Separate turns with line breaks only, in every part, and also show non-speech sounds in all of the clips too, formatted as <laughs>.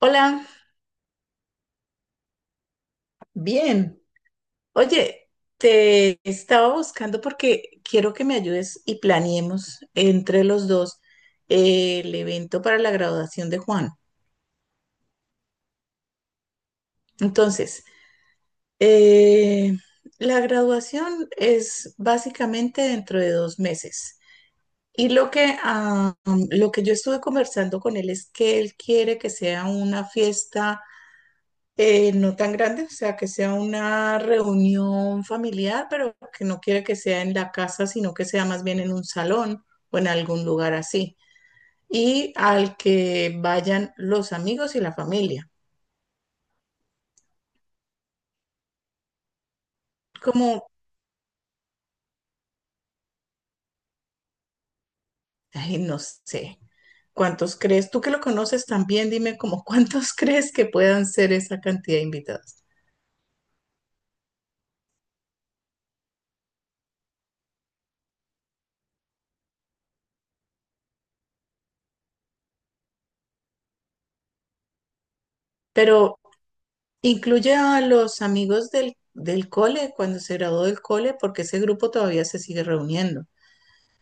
Hola, bien. Oye, te estaba buscando porque quiero que me ayudes y planeemos entre los dos el evento para la graduación de Juan. Entonces, eh, la graduación es básicamente dentro de 2 meses. Y lo que yo estuve conversando con él es que él quiere que sea una fiesta. No tan grande, o sea, que sea una reunión familiar, pero que no quiere que sea en la casa, sino que sea más bien en un salón o en algún lugar así. Y al que vayan los amigos y la familia. Como, Ay, no sé, ¿cuántos crees? Tú que lo conoces también, dime como cuántos <laughs> crees que puedan ser esa cantidad de invitados. Pero incluye a los amigos del cole, cuando se graduó del cole, porque ese grupo todavía se sigue reuniendo.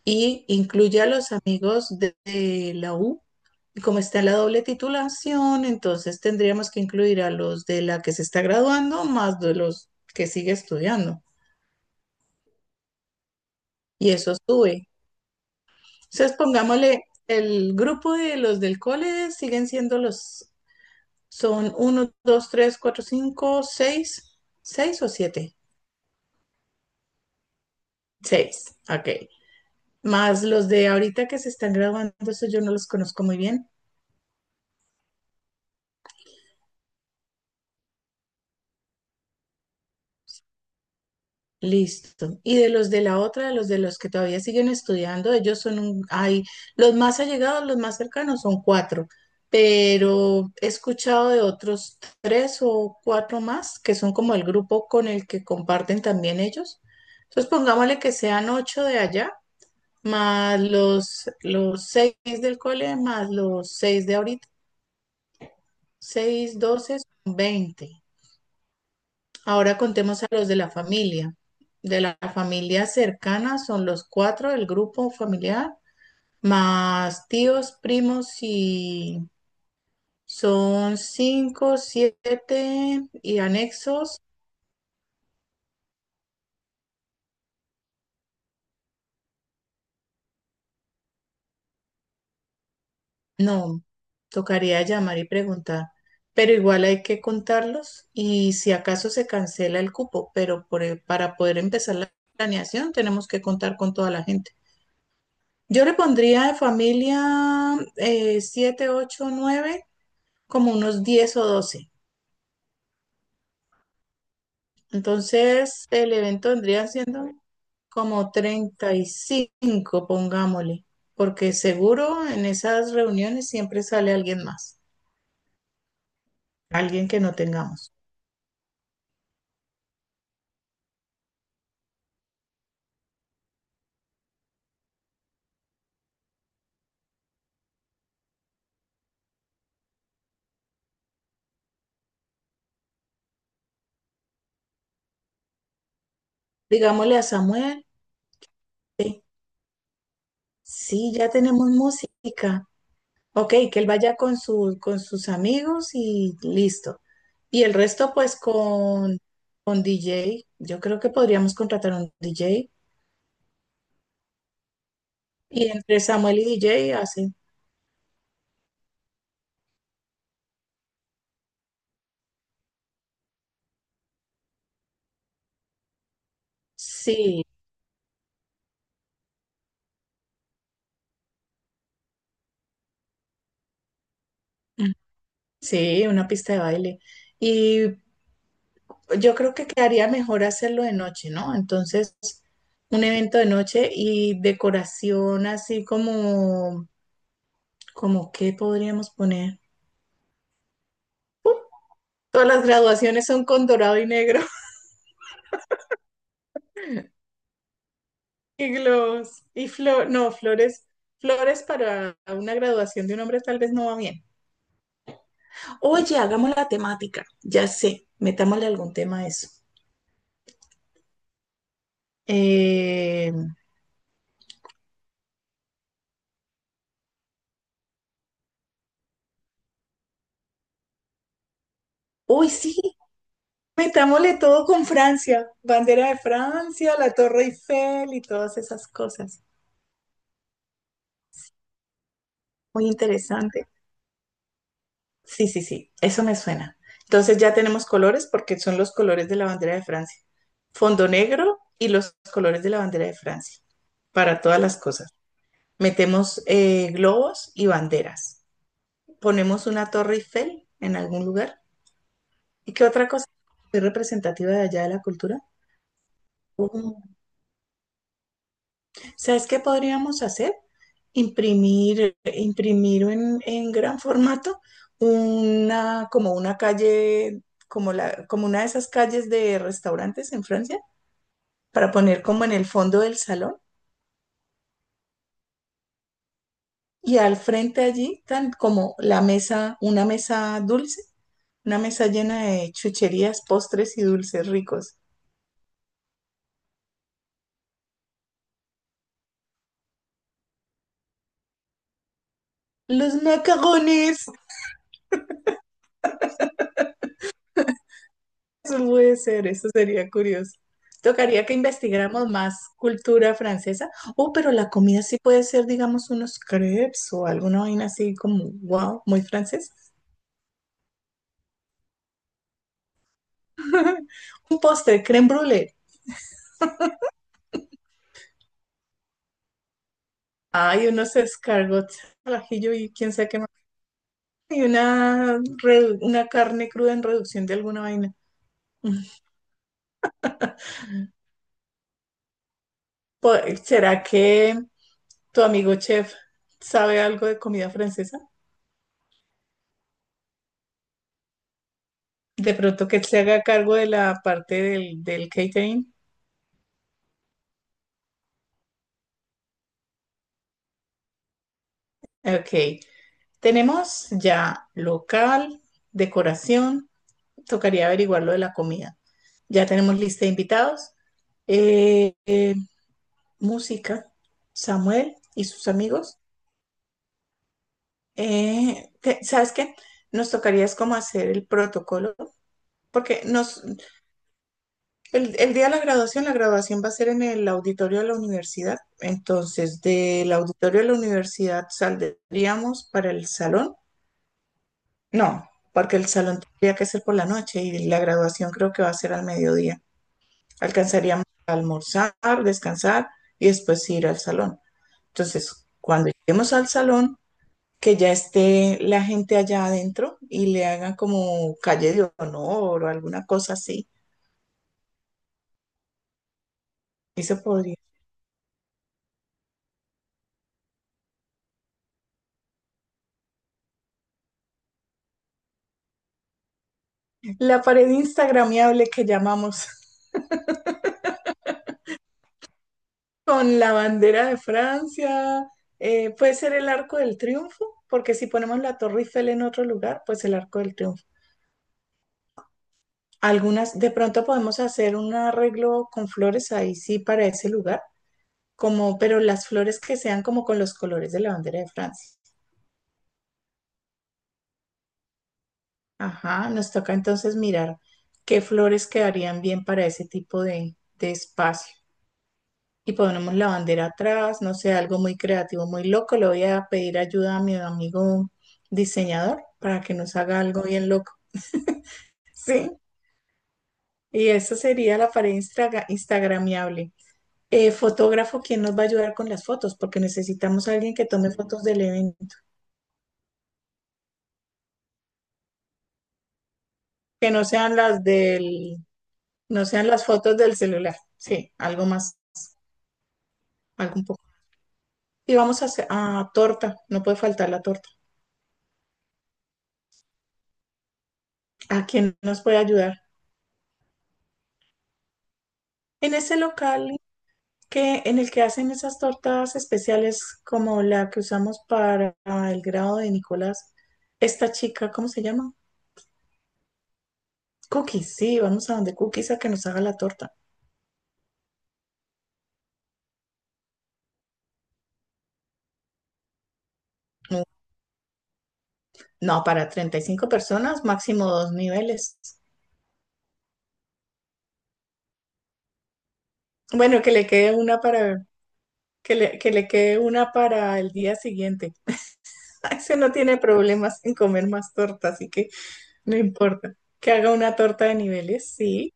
Y incluye a los amigos de la U. Y como está la doble titulación, entonces tendríamos que incluir a los de la que se está graduando más de los que sigue estudiando. Y eso sube. Entonces, pongámosle, el grupo de los del cole siguen siendo los, son uno, dos, tres, cuatro, cinco, seis, 6 o siete, 6. Ok. Más los de ahorita que se están graduando, eso yo no los conozco muy bien. Listo. Y de los de la otra, de los que todavía siguen estudiando, ellos son los más allegados, los más cercanos son cuatro, pero he escuchado de otros tres o cuatro más que son como el grupo con el que comparten también ellos. Entonces pongámosle que sean ocho de allá, más los seis del cole, más los seis de ahorita, seis, 12, son 20. Ahora contemos a los de la familia. De la familia cercana son los cuatro del grupo familiar, más tíos, primos y son cinco, siete y anexos. No, tocaría llamar y preguntar, pero igual hay que contarlos y si acaso se cancela el cupo, pero para poder empezar la planeación tenemos que contar con toda la gente. Yo le pondría de familia siete, ocho, nueve, como unos 10 o 12. Entonces, el evento vendría siendo como 35, pongámosle, porque seguro en esas reuniones siempre sale alguien más, alguien que no tengamos. Digámosle a Samuel, sí, sí, ya tenemos música. Ok, que él vaya con sus amigos y listo. Y el resto, pues con DJ. Yo creo que podríamos contratar un DJ. Y entre Samuel y DJ hacen. Sí, sí, una pista de baile. Y yo creo que quedaría mejor hacerlo de noche, ¿no? Entonces, un evento de noche y decoración así como qué podríamos poner. Todas las graduaciones son con dorado y negro, <laughs> y globos y flor, no, flores para una graduación de un hombre tal vez no va bien. Oye, hagamos la temática, ya sé, metámosle algún tema a eso. Eh, Uy, sí, metámosle todo con Francia, bandera de Francia, la Torre Eiffel y todas esas cosas. Muy interesante. Sí, sí, sí, eso me suena. Entonces ya tenemos colores porque son los colores de la bandera de Francia. Fondo negro y los colores de la bandera de Francia para todas las cosas. Metemos globos y banderas. Ponemos una Torre Eiffel en algún lugar. ¿Y qué otra cosa es representativa de allá, de la cultura? ¿Sabes qué podríamos hacer? Imprimir en gran formato como una calle, como una de esas calles de restaurantes en Francia, para poner como en el fondo del salón, y al frente allí, tan como la mesa, una mesa dulce, una mesa llena de chucherías, postres y dulces ricos. Los macarrones. Eso puede ser, eso sería curioso. Tocaría que investigáramos más cultura francesa. Oh, pero la comida sí puede ser, digamos, unos crepes o alguna vaina así como, wow, muy francesa. Un postre, crème brûlée. Hay unos escargots al ajillo y quién sabe qué más. Y una carne cruda en reducción de alguna vaina. Mm. Po- ¿Será que tu amigo chef sabe algo de comida francesa? De pronto que se haga cargo de la parte del catering. Ok. Tenemos ya local, decoración, tocaría averiguar lo de la comida. Ya tenemos lista de invitados, eh, eh, música, Samuel y sus amigos. ¿Sabes qué? Nos tocaría es como hacer el protocolo, porque el día de la graduación va a ser en el auditorio de la universidad. Entonces, del auditorio de la universidad saldríamos para el salón. No, porque el salón tendría que ser por la noche y la graduación creo que va a ser al mediodía. Alcanzaríamos a almorzar, descansar y después ir al salón. Entonces, cuando lleguemos al salón, que ya esté la gente allá adentro y le hagan como calle de honor o alguna cosa así. Y se podría. La pared instagramiable que llamamos, <laughs> con la bandera de Francia, puede ser el Arco del Triunfo, porque si ponemos la Torre Eiffel en otro lugar, pues el Arco del Triunfo. Algunas, de pronto podemos hacer un arreglo con flores ahí sí para ese lugar, como, pero las flores que sean como con los colores de la bandera de Francia. Ajá, nos toca entonces mirar qué flores quedarían bien para ese tipo de espacio. Y ponemos la bandera atrás, no sé, algo muy creativo, muy loco. Le voy a pedir ayuda a mi amigo diseñador para que nos haga algo bien loco. Sí, y esa sería la pared instagramiable. Fotógrafo quien nos va a ayudar con las fotos, porque necesitamos a alguien que tome fotos del evento, que no sean las fotos del celular. Sí, algo más, algo un poco. Y vamos a hacer a torta, no puede faltar la torta. ¿A quién nos puede ayudar? En ese local que, en el que hacen esas tortas especiales como la que usamos para el grado de Nicolás, esta chica, ¿cómo se llama? Cookies, sí, vamos a donde Cookies a que nos haga la torta. No, no, para 35 personas, máximo dos niveles. Bueno, que le quede una para, que le quede una para el día siguiente. <laughs> Ese no tiene problemas en comer más torta, así que no importa. Que haga una torta de niveles, sí,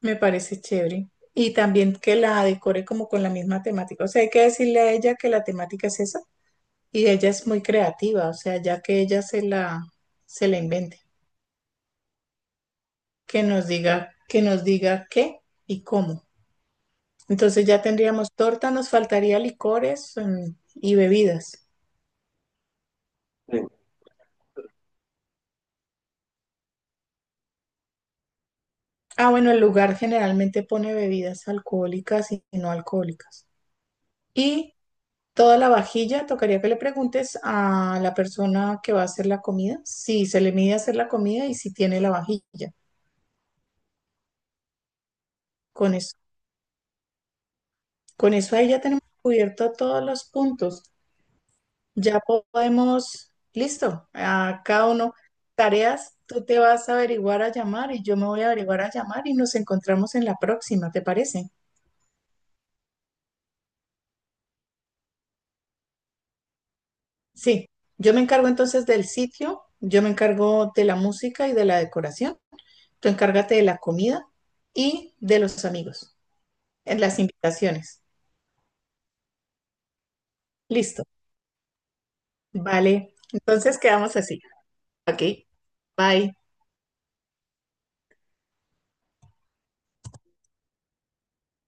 me parece chévere. Y también que la decore como con la misma temática. O sea, hay que decirle a ella que la temática es esa. Y ella es muy creativa, o sea, ya que ella se la invente. Que nos diga qué y cómo. Entonces ya tendríamos torta, nos faltaría licores, y bebidas. Ah, bueno, el lugar generalmente pone bebidas alcohólicas y no alcohólicas. Y toda la vajilla, tocaría que le preguntes a la persona que va a hacer la comida si se le mide hacer la comida y si tiene la vajilla. Con eso, con eso ahí ya tenemos cubierto todos los puntos. Ya podemos, listo, a cada uno tareas, tú te vas a averiguar a llamar y yo me voy a averiguar a llamar y nos encontramos en la próxima, ¿te parece? Sí, yo me encargo entonces del sitio, yo me encargo de la música y de la decoración, tú encárgate de la comida y de los amigos, en las invitaciones. Listo, vale, entonces quedamos así. Ok, bye.